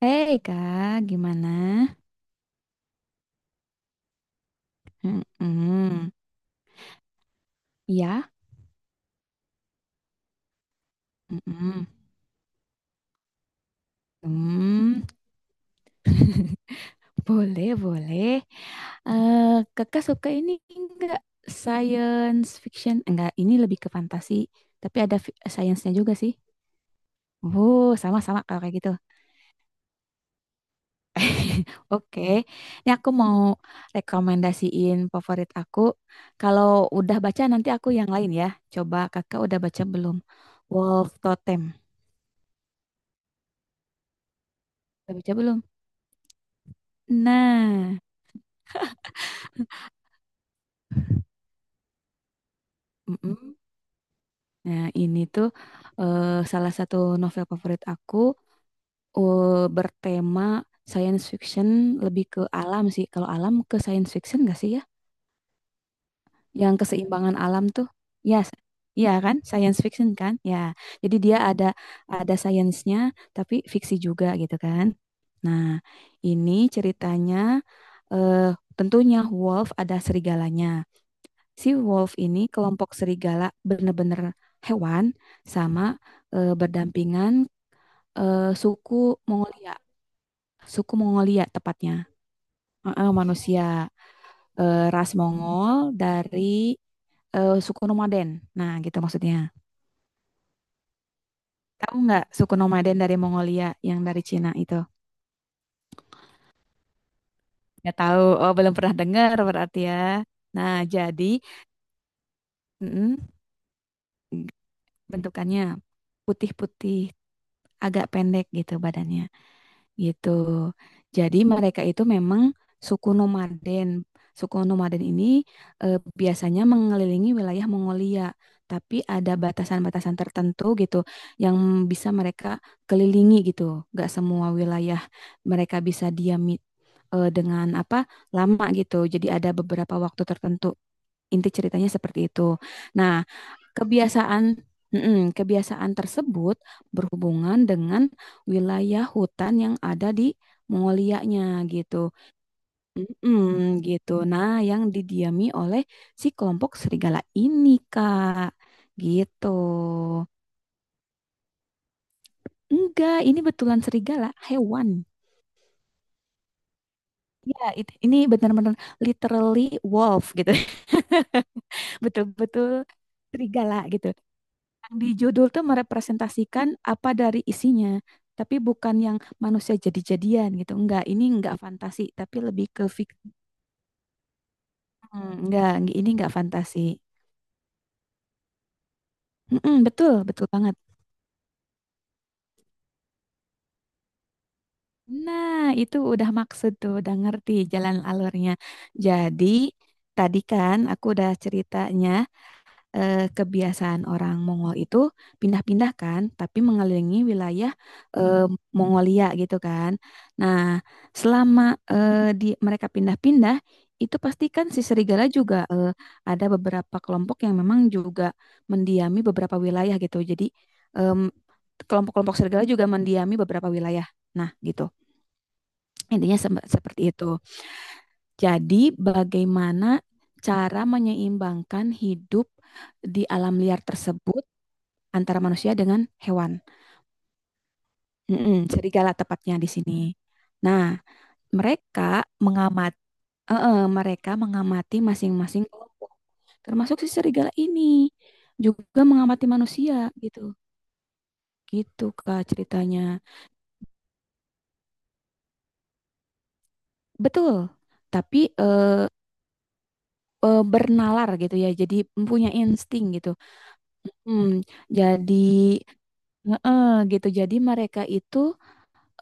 Hei kak, gimana? Mm-mm. Ya, mm-mm. Hmm. Boleh, boleh. Eh, Kakak suka ini enggak science fiction? Enggak, ini lebih ke fantasi, tapi ada science-nya juga sih. Oh, sama-sama kalau kayak gitu. Oke, ini aku mau rekomendasiin favorit aku. Kalau udah baca nanti aku yang lain ya. Coba kakak udah baca belum? Wolf Totem. Udah baca belum? Nah, mm-mm. Nah, ini tuh salah satu novel favorit aku, bertema science fiction lebih ke alam sih. Kalau alam ke science fiction gak sih ya? Yang keseimbangan alam tuh. Ya, s- Ya kan? Science fiction kan? Ya. Jadi dia ada sainsnya tapi fiksi juga gitu kan. Nah, ini ceritanya eh tentunya wolf ada serigalanya. Si wolf ini kelompok serigala bener-bener hewan sama, berdampingan, eh, suku Mongolia, suku Mongolia tepatnya. Heeh, manusia, ras Mongol dari, suku nomaden. Nah, gitu maksudnya. Tahu nggak suku nomaden dari Mongolia yang dari Cina itu? Nggak tahu. Oh, belum pernah dengar berarti ya. Nah, jadi mm, bentukannya putih-putih agak pendek gitu badannya gitu. Jadi mereka itu memang suku nomaden. Suku nomaden ini, biasanya mengelilingi wilayah Mongolia, tapi ada batasan-batasan tertentu gitu yang bisa mereka kelilingi gitu. Gak semua wilayah mereka bisa diami, dengan apa lama gitu. Jadi ada beberapa waktu tertentu. Inti ceritanya seperti itu. Nah, Kebiasaan, mm-mm, kebiasaan tersebut berhubungan dengan wilayah hutan yang ada di Mongolianya gitu. Mm-mm, gitu. Nah, yang didiami oleh si kelompok serigala ini, Kak. Gitu. Enggak, ini betulan serigala, hewan. Ini benar-benar literally wolf gitu. Betul-betul serigala gitu. Yang di judul tuh merepresentasikan apa dari isinya, tapi bukan yang manusia jadi-jadian gitu. Enggak, ini enggak fantasi, tapi lebih ke fiksi. Hmm, enggak, ini enggak fantasi. Mm-mm, betul, betul banget. Nah, itu udah maksud tuh, udah ngerti jalan alurnya. Jadi, tadi kan aku udah ceritanya, kebiasaan orang Mongol itu pindah-pindah kan, tapi mengelilingi wilayah, eh, Mongolia gitu kan. Nah, selama, di mereka pindah-pindah itu pastikan si serigala juga, ada beberapa kelompok yang memang juga mendiami beberapa wilayah gitu. Jadi, em, kelompok-kelompok serigala juga mendiami beberapa wilayah. Nah, gitu. Intinya seperti itu. Jadi, bagaimana cara menyeimbangkan hidup di alam liar tersebut antara manusia dengan hewan. Mm-mm, serigala tepatnya di sini. Nah, mereka mengamati mereka mengamati masing-masing kelompok. Termasuk si serigala ini juga mengamati manusia gitu. Gitu Kak ceritanya. Betul. Tapi, bernalar gitu ya. Jadi punya insting gitu. Hmm, jadi, gitu. Jadi mereka itu,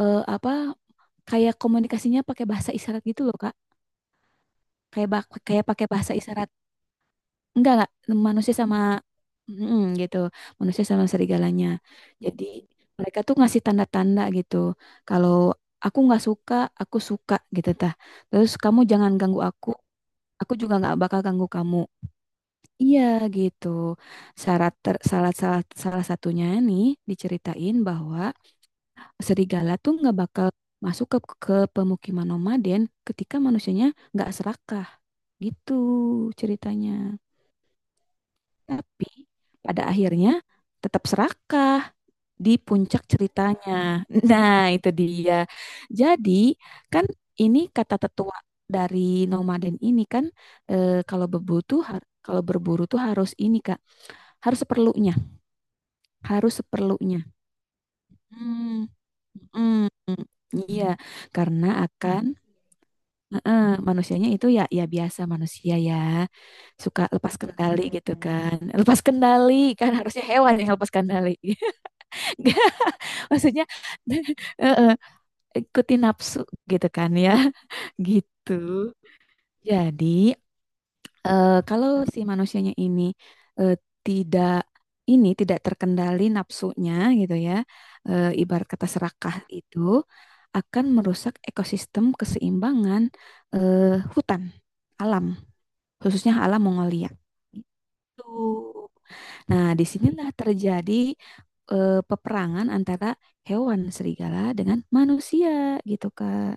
apa kayak komunikasinya pakai bahasa isyarat gitu loh Kak. Kayak pakai bahasa isyarat, enggak, manusia sama gitu, manusia sama serigalanya, jadi mereka tuh ngasih tanda-tanda gitu, kalau aku nggak suka aku suka gitu tah, terus kamu jangan ganggu aku juga nggak bakal ganggu kamu, iya gitu. Syarat ter, salah salah salah satunya nih diceritain bahwa serigala tuh nggak bakal masuk ke pemukiman nomaden ketika manusianya nggak serakah gitu ceritanya. Tapi pada akhirnya tetap serakah di puncak ceritanya. Nah, itu dia. Jadi, kan ini kata tetua dari nomaden ini kan, kalau berburu tuh harus ini Kak, harus seperlunya, harus seperlunya. Hmm. mm, Iya, karena akan, manusianya itu ya, biasa manusia ya suka lepas kendali gitu kan. Lepas kendali kan harusnya hewan yang lepas kendali. Maksudnya, eh, eh, ikuti nafsu gitu kan ya. Gitu. Jadi, kalau si manusianya ini, eh, tidak ini tidak terkendali nafsunya gitu ya. Ibarat kata serakah itu akan merusak ekosistem keseimbangan, eh, hutan alam, khususnya alam Mongolia. Gitu. Nah, disinilah terjadi, peperangan antara hewan serigala dengan manusia gitu Kak.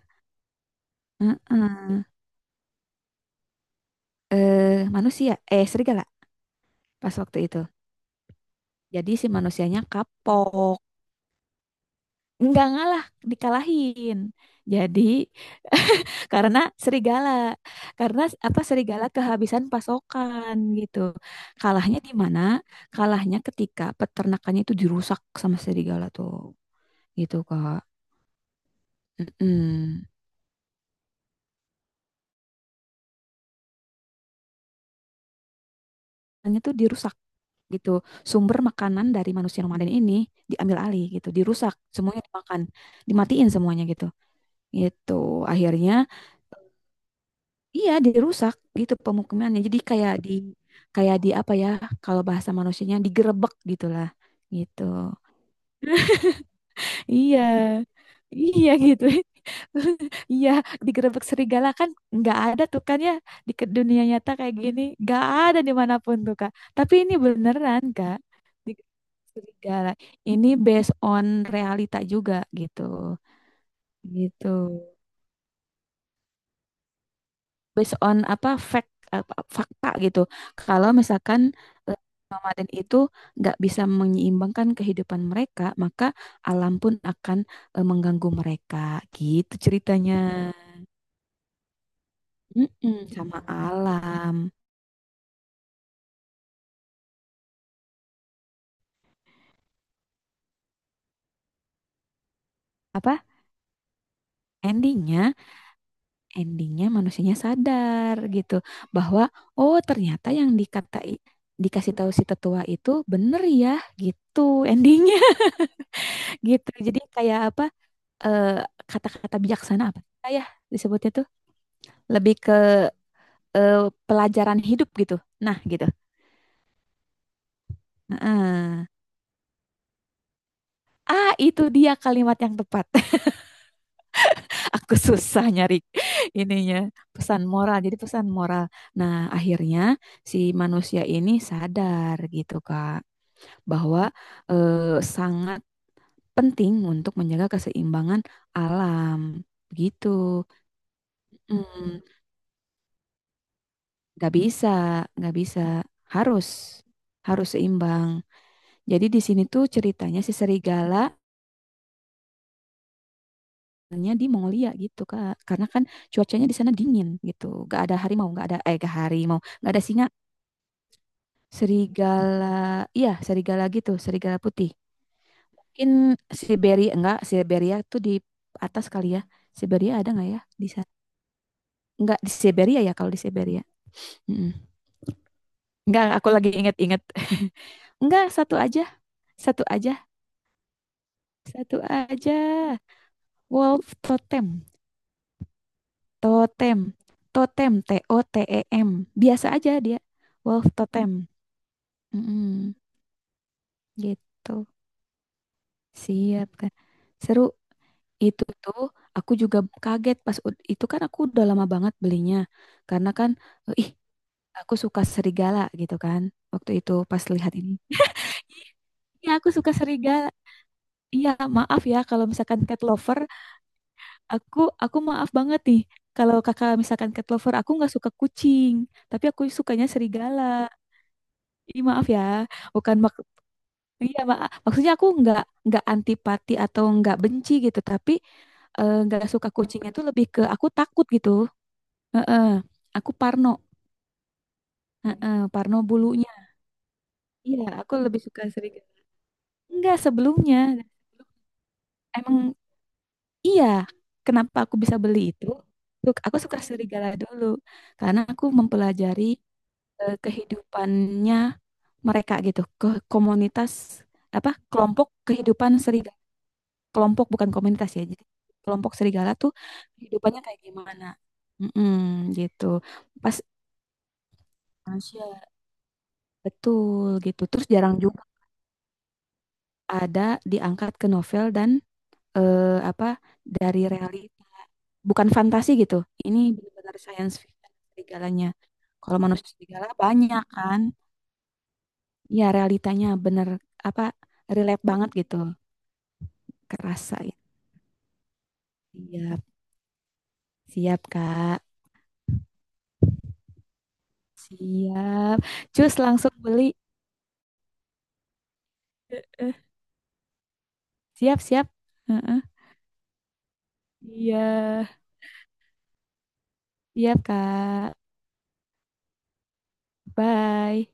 Heeh. Manusia, eh serigala pas waktu itu. Jadi si manusianya kapok, nggak ngalah, dikalahin. Jadi karena serigala, karena apa serigala kehabisan pasokan gitu. Kalahnya di mana? Kalahnya ketika peternakannya itu dirusak sama serigala tuh, gitu Kak. Mm-mm. Makanannya tuh dirusak gitu. Sumber makanan dari manusia nomaden ini diambil alih gitu, dirusak, semuanya dimakan, dimatiin semuanya gitu. Gitu. Akhirnya iya dirusak gitu pemukimannya. Jadi kayak di apa ya kalau bahasa manusianya digerebek gitulah. Gitu. Iya, iya gitu. Iya, digerebek serigala kan nggak ada tuh kan ya, di dunia nyata kayak gini, nggak ada dimanapun tuh Kak. Tapi ini beneran Kak, digerebek serigala. Ini based on realita juga gitu, gitu. Based on apa fact apa, fakta gitu. Kalau misalkan, eh, nomaden itu nggak bisa menyeimbangkan kehidupan mereka, maka alam pun akan, mengganggu mereka. Gitu ceritanya. Mm-mm, sama alam. Apa? Endingnya, endingnya, manusianya sadar gitu bahwa, oh ternyata yang dikatai dikasih tahu si tetua itu bener ya, gitu endingnya, gitu. Jadi kayak apa? eh, Kata-kata bijaksana apa ya disebutnya tuh lebih ke, eh, pelajaran hidup gitu. Nah, gitu. Heeh. Ah, itu dia kalimat yang tepat. Aku susah nyari ininya, pesan moral. Jadi pesan moral. Nah, akhirnya si manusia ini sadar gitu, Kak, bahwa, sangat penting untuk menjaga keseimbangan alam. Begitu. Hmm, nggak bisa, gak bisa. Harus, harus seimbang. Jadi di sini tuh ceritanya si serigala nya di Mongolia gitu Kak. Karena kan cuacanya di sana dingin gitu. Gak ada harimau, gak ada gak harimau, gak ada singa, serigala. Iya, serigala gitu, serigala putih. Mungkin Siberia enggak, Siberia tuh di atas kali ya. Siberia ada nggak ya di sana? Enggak di Siberia ya kalau di Siberia. Mm-mm. Enggak, aku lagi inget-inget. Enggak, satu aja. Satu aja. Satu aja. Wolf totem. Totem, totem, T O T E M. Biasa aja dia. Wolf totem. Mm-mm, gitu. Siap kan. Seru itu tuh aku juga kaget pas itu kan aku udah lama banget belinya. Karena kan, ih, aku suka serigala gitu kan. Waktu itu pas lihat ini. ya aku suka serigala. Iya, maaf ya kalau misalkan cat lover, aku aku maaf banget nih. Kalau kakak misalkan cat lover, aku nggak suka kucing, tapi aku sukanya serigala. Ih, maaf ya, bukan mak iya mak. Maksudnya aku nggak antipati atau nggak benci gitu, tapi, nggak suka kucingnya tuh lebih ke aku takut gitu. Heeh. Aku Parno. Heeh, Parno bulunya. Iya, aku lebih suka serigala. Enggak sebelumnya, emang iya. Kenapa aku bisa beli itu? Tuh, aku suka serigala dulu karena aku mempelajari, kehidupannya mereka gitu, ke komunitas apa kelompok kehidupan serigala, kelompok bukan komunitas ya. Jadi kelompok serigala tuh kehidupannya kayak gimana? Mm-mm, gitu. Pas Malaysia betul gitu. Terus jarang juga ada diangkat ke novel dan, apa dari realita. Bukan fantasi gitu. Ini benar-benar science fiction serigalanya. Kalau manusia serigala banyak kan, ya realitanya bener apa relate banget gitu. Kerasa ya. Siap, siap Kak. Siap. Cus langsung beli. Siap, siap. Heeh. Iya, siap, Kak. Bye.